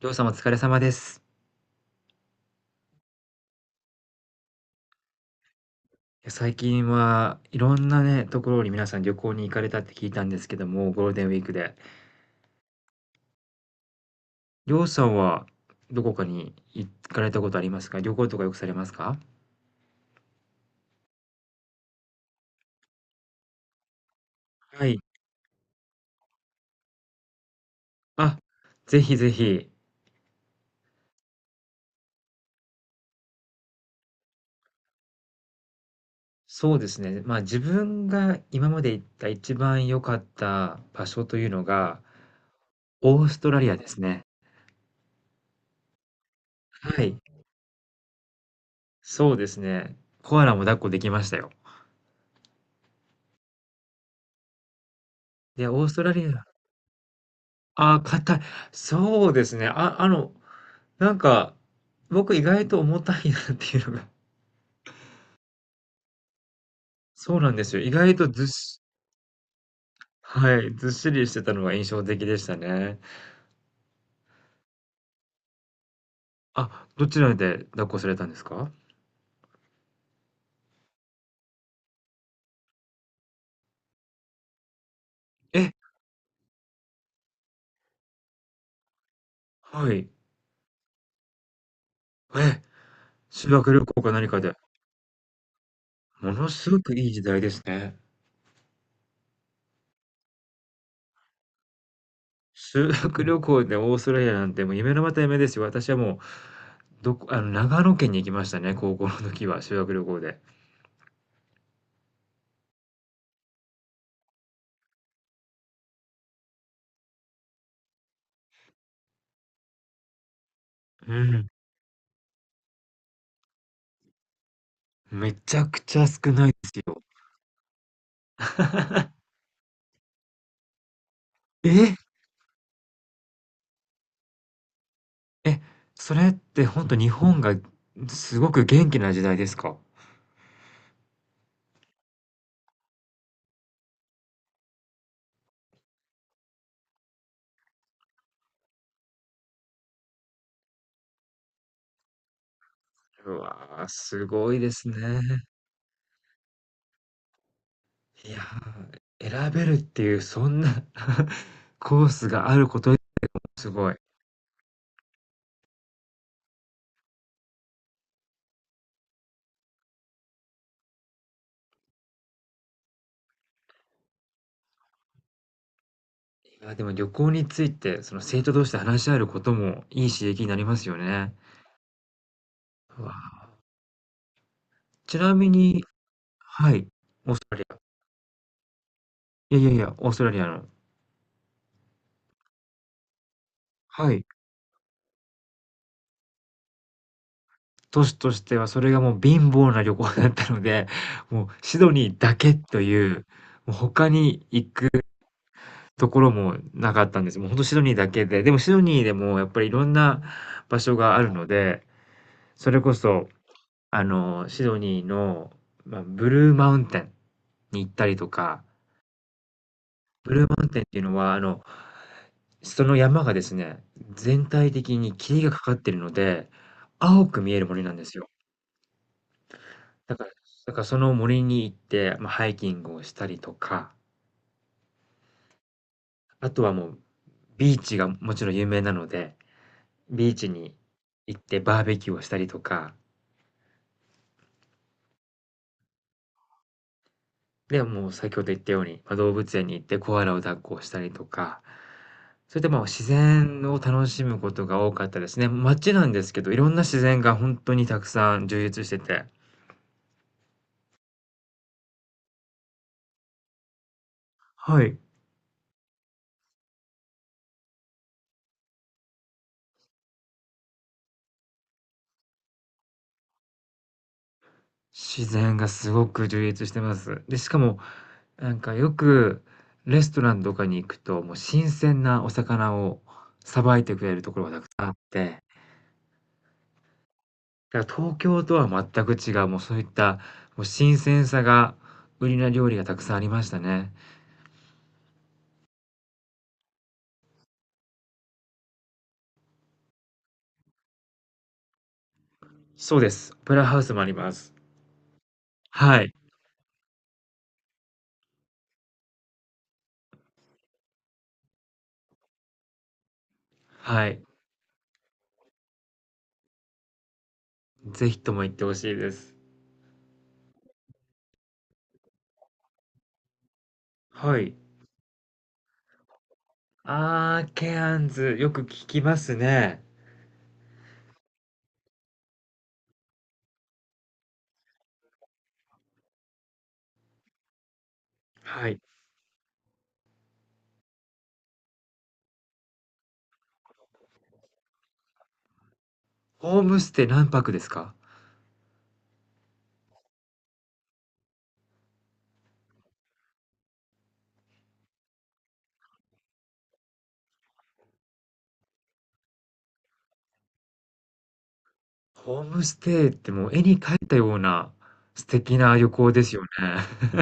りょうさんお疲れ様です。いや、最近はいろんなね、ところに皆さん旅行に行かれたって聞いたんですけども、ゴールデンウィークで。りょうさんはどこかに行かれたことありますか？旅行とかよくされますか？はい。あ、ぜひぜひ。そうですね。まあ自分が今まで行った一番良かった場所というのが、オーストラリアですね。はい。そうですね。コアラも抱っこできましたよ。で、オーストラリア。ああ、硬い。そうですね。なんか、僕意外と重たいなっていうのが そうなんですよ。意外とずっしはい、ずっしりしてたのが印象的でしたね。あ、どちらで抱っこされたんですか？え、はい。え、修学旅行か何かで。ものすごくいい時代ですね。修学旅行でオーストラリアなんてもう夢のまた夢ですよ。私はもう、どこ長野県に行きましたね、高校の時は、修学旅行で。うん、めちゃくちゃ少ないですよ。え！え、それってほんと日本がすごく元気な時代ですか？うわー、すごいですね。いやー、選べるっていうそんな コースがあること、すごい。いや、でも旅行について、その生徒同士で話し合えることもいい刺激になりますよね。うわー、ちなみにはい、オーストラリア。いやいやいや、オーストラリアのはい。都市としてはそれがもう貧乏な旅行だったので、もうシドニーだけという、もう他に行くところもなかったんです。もうほんとシドニーだけで、でもシドニーでもやっぱりいろんな場所があるので、それこそ、シドニーの、まあ、ブルーマウンテンに行ったりとか、ブルーマウンテンっていうのは、その山がですね、全体的に霧がかかってるので、青く見える森なんですよ。だからだからその森に行って、まあ、ハイキングをしたりとか、あとはもうビーチがもちろん有名なので、ビーチに行ってバーベキューをしたりとか、で、もう先ほど言ったように、まあ、動物園に行ってコアラを抱っこしたりとか、それでもう自然を楽しむことが多かったですね。街なんですけど、いろんな自然が本当にたくさん充実しててはい。自然がすごく充実してます。で、しかもよくレストランとかに行くと、もう新鮮なお魚をさばいてくれるところがたくさんあって、だから東京とは全く違う、もうそういった、もう新鮮さが売りな料理がたくさんありましたね。そうです。オペラハウスもあります。はい、はい。ぜひとも行ってほしいです。はい。ああ、ケアンズ、よく聞きますね。はい。ホームステイ何泊ですか？ホームステイってもう絵に描いたような素敵な旅行ですよね。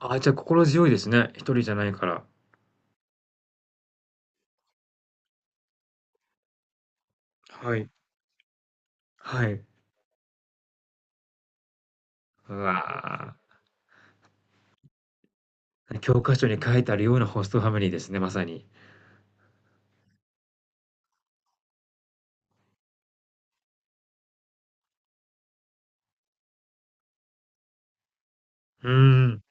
あ、じゃあ心強いですね。一人じゃないから。はい。はい。うわー、教科書に書いてあるようなホストファミリーですね、まさに。うーん。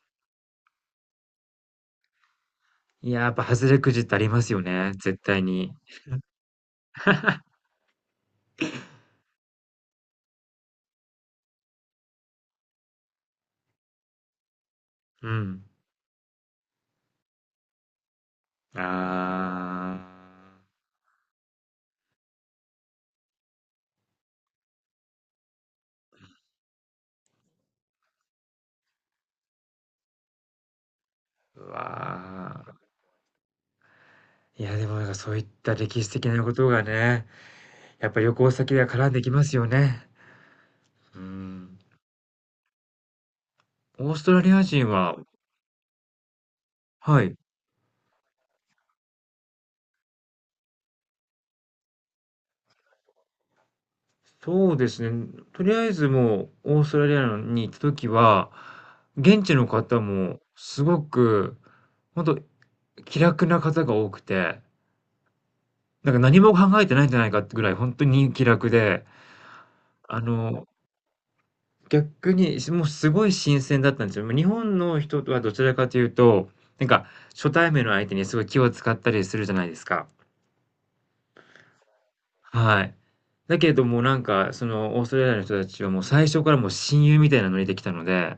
いや、やっぱ外れくじってありますよね、絶対に。うん。ああ、うわー。いや、でもなんかそういった歴史的なことがね、やっぱ旅行先では絡んできますよね。うーん。オーストラリア人ははい。そうですね。とりあえずもうオーストラリアに行った時は、現地の方もすごく、本当気楽な方が多くて、なんか何も考えてないんじゃないかってぐらい本当に気楽で、あの、逆にもうすごい新鮮だったんですよ。日本の人とはどちらかというと、なんか初対面の相手にすごい気を使ったりするじゃないですか。はい。だけどもなんかそのオーストラリアの人たちはもう最初からもう親友みたいなノリで来たので、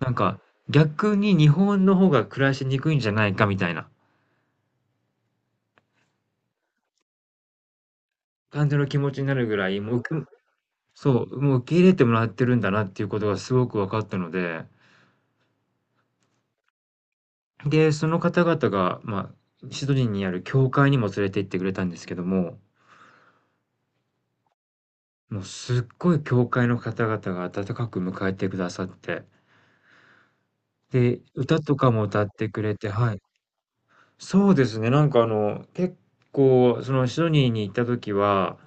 なんか、逆に日本の方が暮らしにくいんじゃないかみたいな感じの気持ちになるぐらい、もう、くそう、もう受け入れてもらってるんだなっていうことがすごく分かったので、で、その方々が、まあ、シドニーにある教会にも連れて行ってくれたんですけども、もうすっごい教会の方々が温かく迎えてくださって、で、歌とかも歌ってくれてはい。そうですね。結構、そのシドニーに行った時は、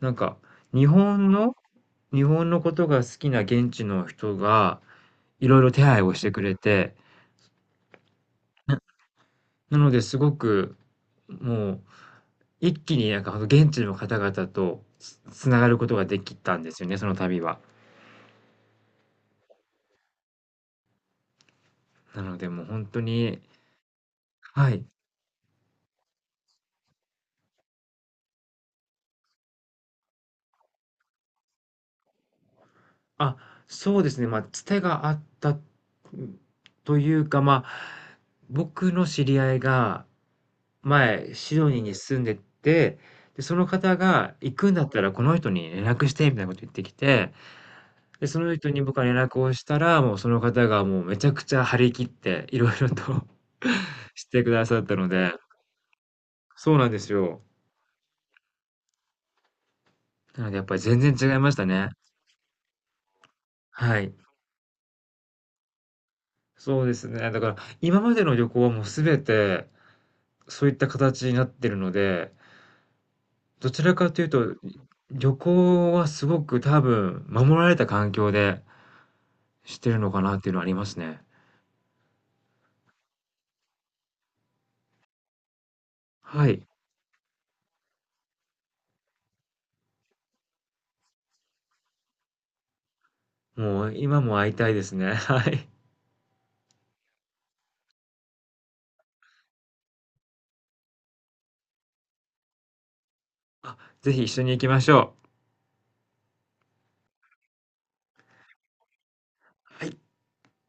なんか日本の、日本のことが好きな現地の人がいろいろ手配をしてくれて、な、なのですごくもう一気になんか現地の方々とつながることができたんですよね、その旅は。なのでもう本当に、はい。あ、そうですね。まあ、つてがあったというか、まあ、僕の知り合いが、前、シドニーに住んでて、で、その方が行くんだったらこの人に連絡してみたいなこと言ってきて、で、その人に僕は連絡をしたら、もうその方がもうめちゃくちゃ張り切っていろいろと してくださったので、そうなんですよ。なのでやっぱり全然違いましたね。はい。そうですね。だから今までの旅行はもう全てそういった形になってるので、どちらかというと、旅行はすごく多分守られた環境でしてるのかなっていうのはありますね。はい。もう今も会いたいですね。はい。あ、ぜひ一緒に行きましょう。はい。